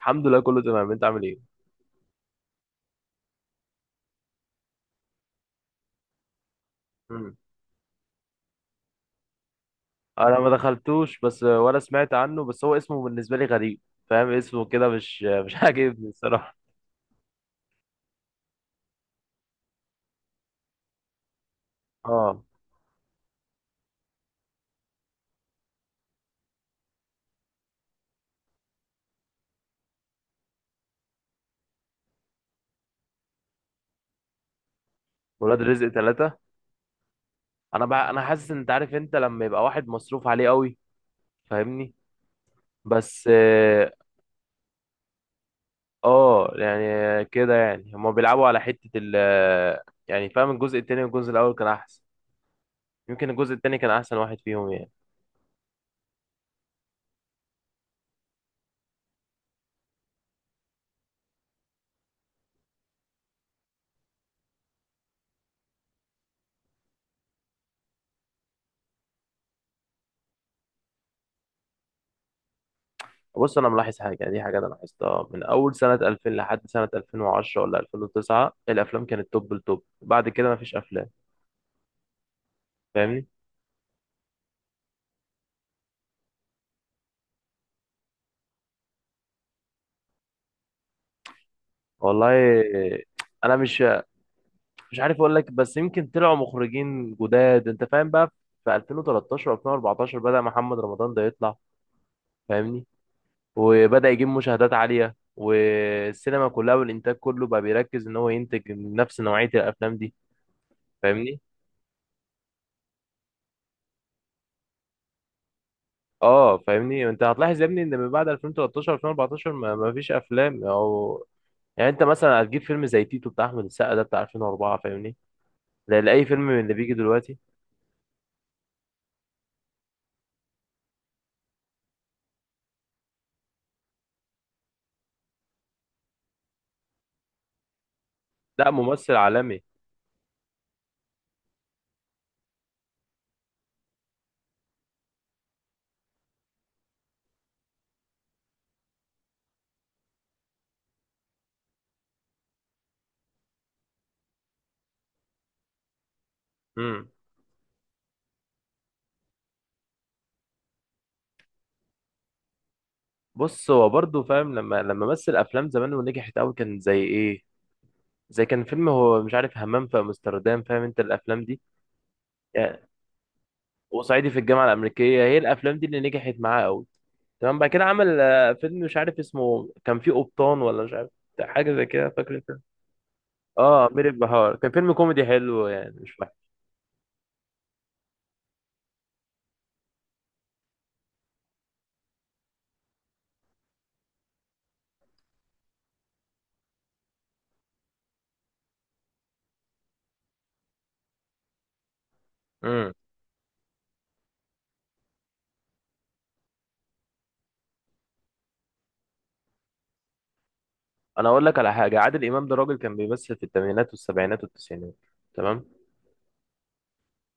الحمد لله، كله تمام. انت عامل ايه؟ مم. انا ما دخلتوش، بس ولا سمعت عنه. بس هو اسمه بالنسبه لي غريب. فاهم اسمه كده مش مش عاجبني الصراحه. اه. ولاد رزق ثلاثة. انا بقى انا حاسس ان انت عارف، انت لما يبقى واحد مصروف عليه قوي. فاهمني. بس اه. اه، يعني كده، يعني هما بيلعبوا على حته ال. يعني فاهم، الجزء التاني والجزء الاول كان احسن. يمكن الجزء التاني كان احسن واحد فيهم يعني. بص، انا ملاحظ حاجه، يعني دي حاجه انا لاحظتها من اول سنه 2000 لحد سنه 2010 ولا 2009 الافلام كانت توب التوب. بعد كده مفيش افلام. فاهمني. والله انا مش عارف اقول لك. بس يمكن طلعوا مخرجين جداد، انت فاهم بقى. في 2013 و2014 بدأ محمد رمضان ده يطلع. فاهمني. وبدأ يجيب مشاهدات عاليه، والسينما كلها والانتاج كله بقى بيركز ان هو ينتج نفس نوعيه الافلام دي. فاهمني. اه فاهمني، انت هتلاحظ يا ابني ان من بعد 2013 2014 ما فيش افلام. او يعني انت مثلا هتجيب فيلم زي تيتو بتاع احمد السقا، ده بتاع 2004، فاهمني. ده لاي فيلم من اللي بيجي دلوقتي. لا ممثل عالمي. امم. بص هو برضه فاهم، لما مثل افلام زمان ونجحت قوي كان زي ايه؟ زي كان فيلم هو مش عارف همام في امستردام، فاهم انت الافلام دي. يعني وصعيدي في الجامعه الامريكيه، هي الافلام دي اللي نجحت معاه قوي. تمام. بعد كده عمل فيلم مش عارف اسمه، كان فيه قبطان ولا مش عارف، حاجه زي كده، فاكر انت؟ اه امير البحار كان فيلم كوميدي حلو، يعني مش وحش. امم. انا اقول لك على حاجه. عادل امام ده راجل كان بيمثل في الثمانينات والسبعينات والتسعينات. تمام.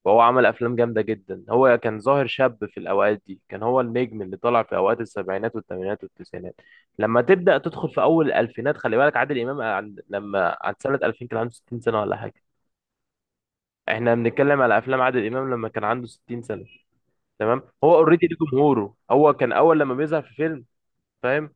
وهو عمل افلام جامده جدا. هو كان ظاهر شاب في الاوقات دي، كان هو النجم اللي طلع في اوقات السبعينات والثمانينات والتسعينات. لما تبدا تدخل في اول الالفينات، خلي بالك عادل امام لما عند سنه 2000 كان عنده 60 سنه ولا حاجه. احنا بنتكلم على افلام عادل امام لما كان عنده 60 سنه. تمام. هو اوريدي ليه جمهوره، هو كان اول لما بيظهر في فيلم، فاهم،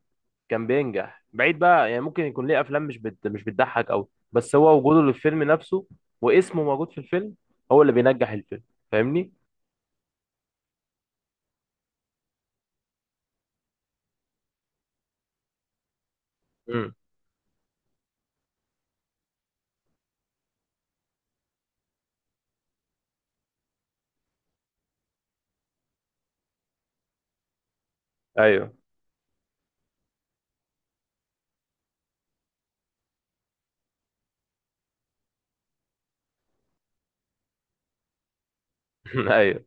كان بينجح بعيد بقى. يعني ممكن يكون ليه افلام مش بتضحك قوي، بس هو وجوده للفيلم نفسه واسمه موجود في الفيلم هو اللي بينجح الفيلم. فاهمني. امم. ايوه. ايوه.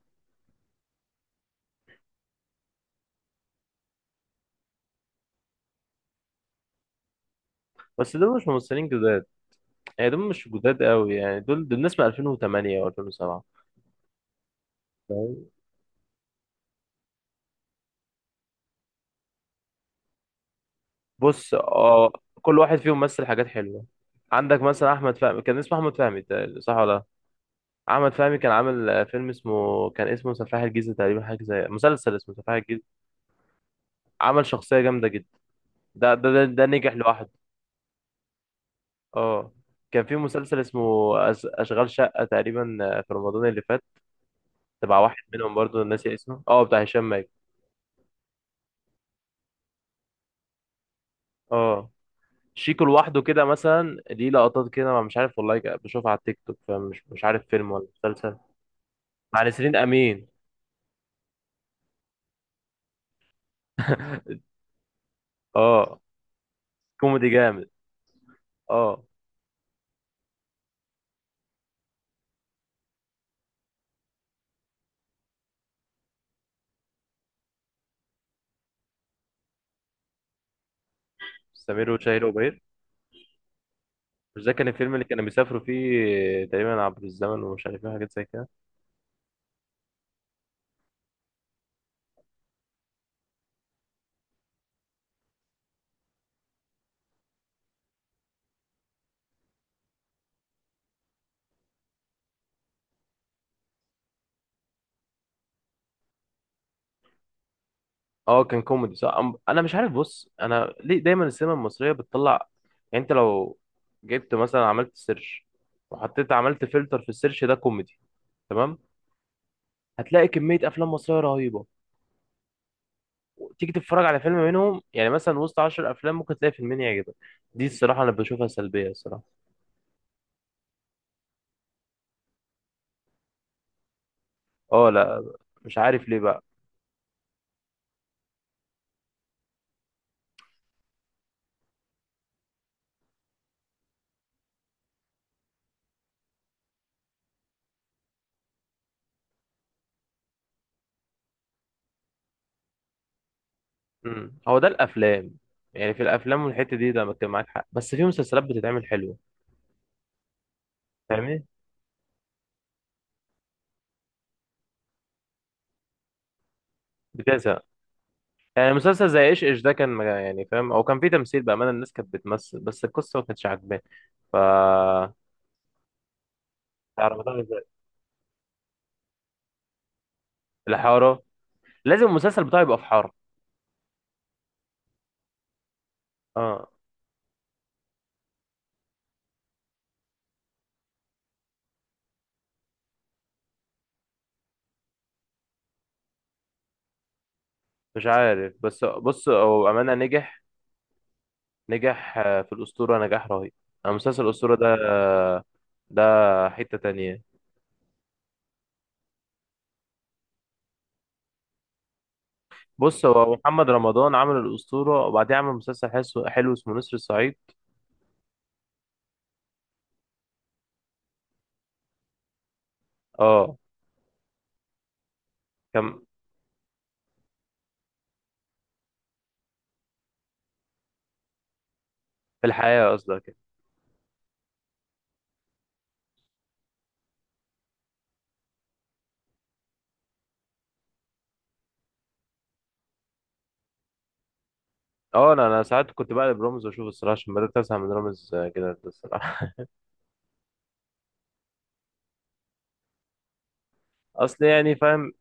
بس دول مش ممثلين جداد، يعني دول مش جداد قوي. يعني دول ناس من 2008 و2007. فاهم؟ بص اه، كل واحد فيهم مثل حاجات حلوه. عندك مثلا احمد فهمي، كان اسمه احمد فهمي تقريباً، صح ولا لا؟ احمد فهمي كان عامل فيلم اسمه، كان اسمه سفاح الجيزه تقريبا، حاجه زي مسلسل اسمه سفاح الجيزه. عمل شخصيه جامده. ده نجح لوحده. اه. كان في مسلسل اسمه أشغال شقة تقريبا في رمضان اللي فات، تبع واحد منهم برضو ناسي اسمه، اه بتاع هشام ماجد. اه شيكو لوحده كده مثلا ليه لقطات كده، ما مش عارف والله، بشوفها على التيك توك، فمش مش عارف فيلم ولا مسلسل. مع نسرين أمين. اه كوميدي جامد. اه. سمير وشهير وبهير. مش ده كان الفيلم اللي كانوا بيسافروا فيه تقريبا عبر الزمن ومش عارف ايه حاجات زي كده؟ اه كان كوميدي صح. انا مش عارف، بص انا ليه دايما السينما المصريه بتطلع؟ يعني انت لو جبت مثلا، عملت سيرش وحطيت، عملت فلتر في السيرش ده كوميدي، تمام، هتلاقي كميه افلام مصريه رهيبه. تيجي تتفرج على فيلم منهم، يعني مثلا وسط 10 افلام ممكن تلاقي فيلمين يعجبك. دي الصراحه انا بشوفها سلبيه الصراحه. اه لا، مش عارف ليه بقى. امم. هو ده الافلام، يعني في الافلام والحته دي ده كان معاك حق، بس في مسلسلات بتتعمل حلوه. فاهمني. بتزهق. يعني مسلسل زي ايش ايش ده كان يعني فاهم، او كان فيه تمثيل بامانه، الناس كانت بتمثل، بس القصه ما كانتش عاجباني. ف بتاع رمضان اللي فات. الحاره، لازم المسلسل بتاعي يبقى في حاره. اه مش عارف، بس بص هو بامانه نجح في الاسطوره نجاح رهيب. مسلسل الاسطوره ده، ده حته تانية. بص، هو محمد رمضان عمل الاسطوره، وبعدين عمل مسلسل حلو حلو اسمه نسر الصعيد. اه كان. في الحياه قصدك. اه انا ساعات كنت بقلب رامز واشوف الصراحه، عشان بدات ازهق من رامز كده الصراحه. اصل يعني فاهم،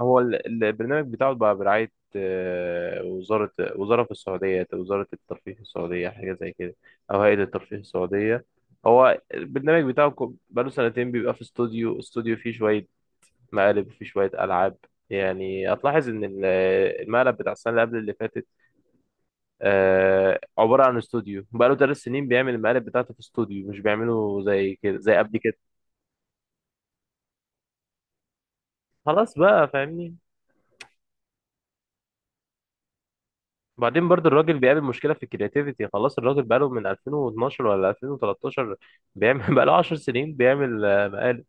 هو البرنامج بتاعه بقى برعاية وزارة في السعودية، وزارة الترفيه في السعودية حاجة زي كده، أو هيئة الترفيه السعودية. هو البرنامج بتاعه بقاله سنتين بيبقى في استوديو فيه شوية مقالب وفيه شوية ألعاب. يعني هتلاحظ إن المقلب بتاع السنة اللي قبل اللي فاتت عبارة عن استوديو. بقاله 3 سنين بيعمل المقالب بتاعته في استوديو، مش بيعمله زي كده زي قبل كده. خلاص بقى، فاهمني؟ بعدين برضو الراجل بيقابل مشكلة في الكرياتيفيتي، خلاص الراجل بقاله من 2012 ولا 2013 بيعمل بقاله 10 سنين بيعمل مقالب.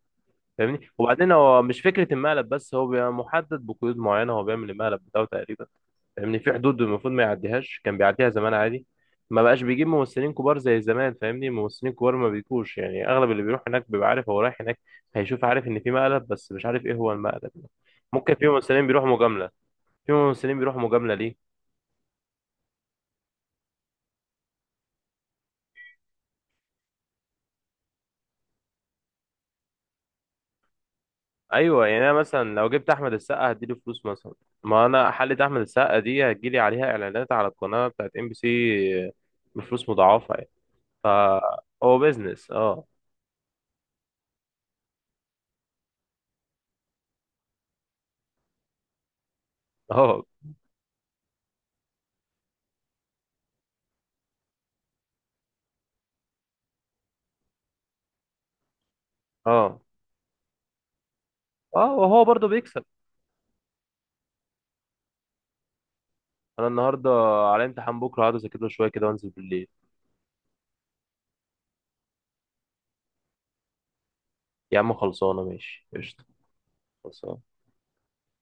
فاهمني. وبعدين هو مش فكرة المقلب بس، هو بيبقى محدد بقيود معينة، هو بيعمل المقلب بتاعه تقريبا، فاهمني، في حدود المفروض ما يعديهاش. كان بيعديها زمان عادي. ما بقاش بيجيب ممثلين كبار زي زمان، فاهمني، ممثلين كبار ما بيجوش. يعني اغلب اللي بيروح هناك بيبقى عارف هو رايح هناك هيشوف، عارف ان في مقلب بس مش عارف ايه هو المقلب. ممكن في ممثلين بيروحوا مجاملة. في ممثلين بيروحوا مجاملة ليه؟ ايوه يعني انا مثلا لو جبت احمد السقا هديله فلوس مثلا، ما انا حلقه احمد السقا دي هتجيلي عليها اعلانات على القناه بتاعت MBC بفلوس مضاعفه يعني. فهو بيزنس اه. اه، اه، اه وهو برضه بيكسب. انا النهارده على امتحان، بكره هقعد اذاكر له شويه كده وانزل بالليل. يا عم خلصانه، ماشي قشطه. خلصانه.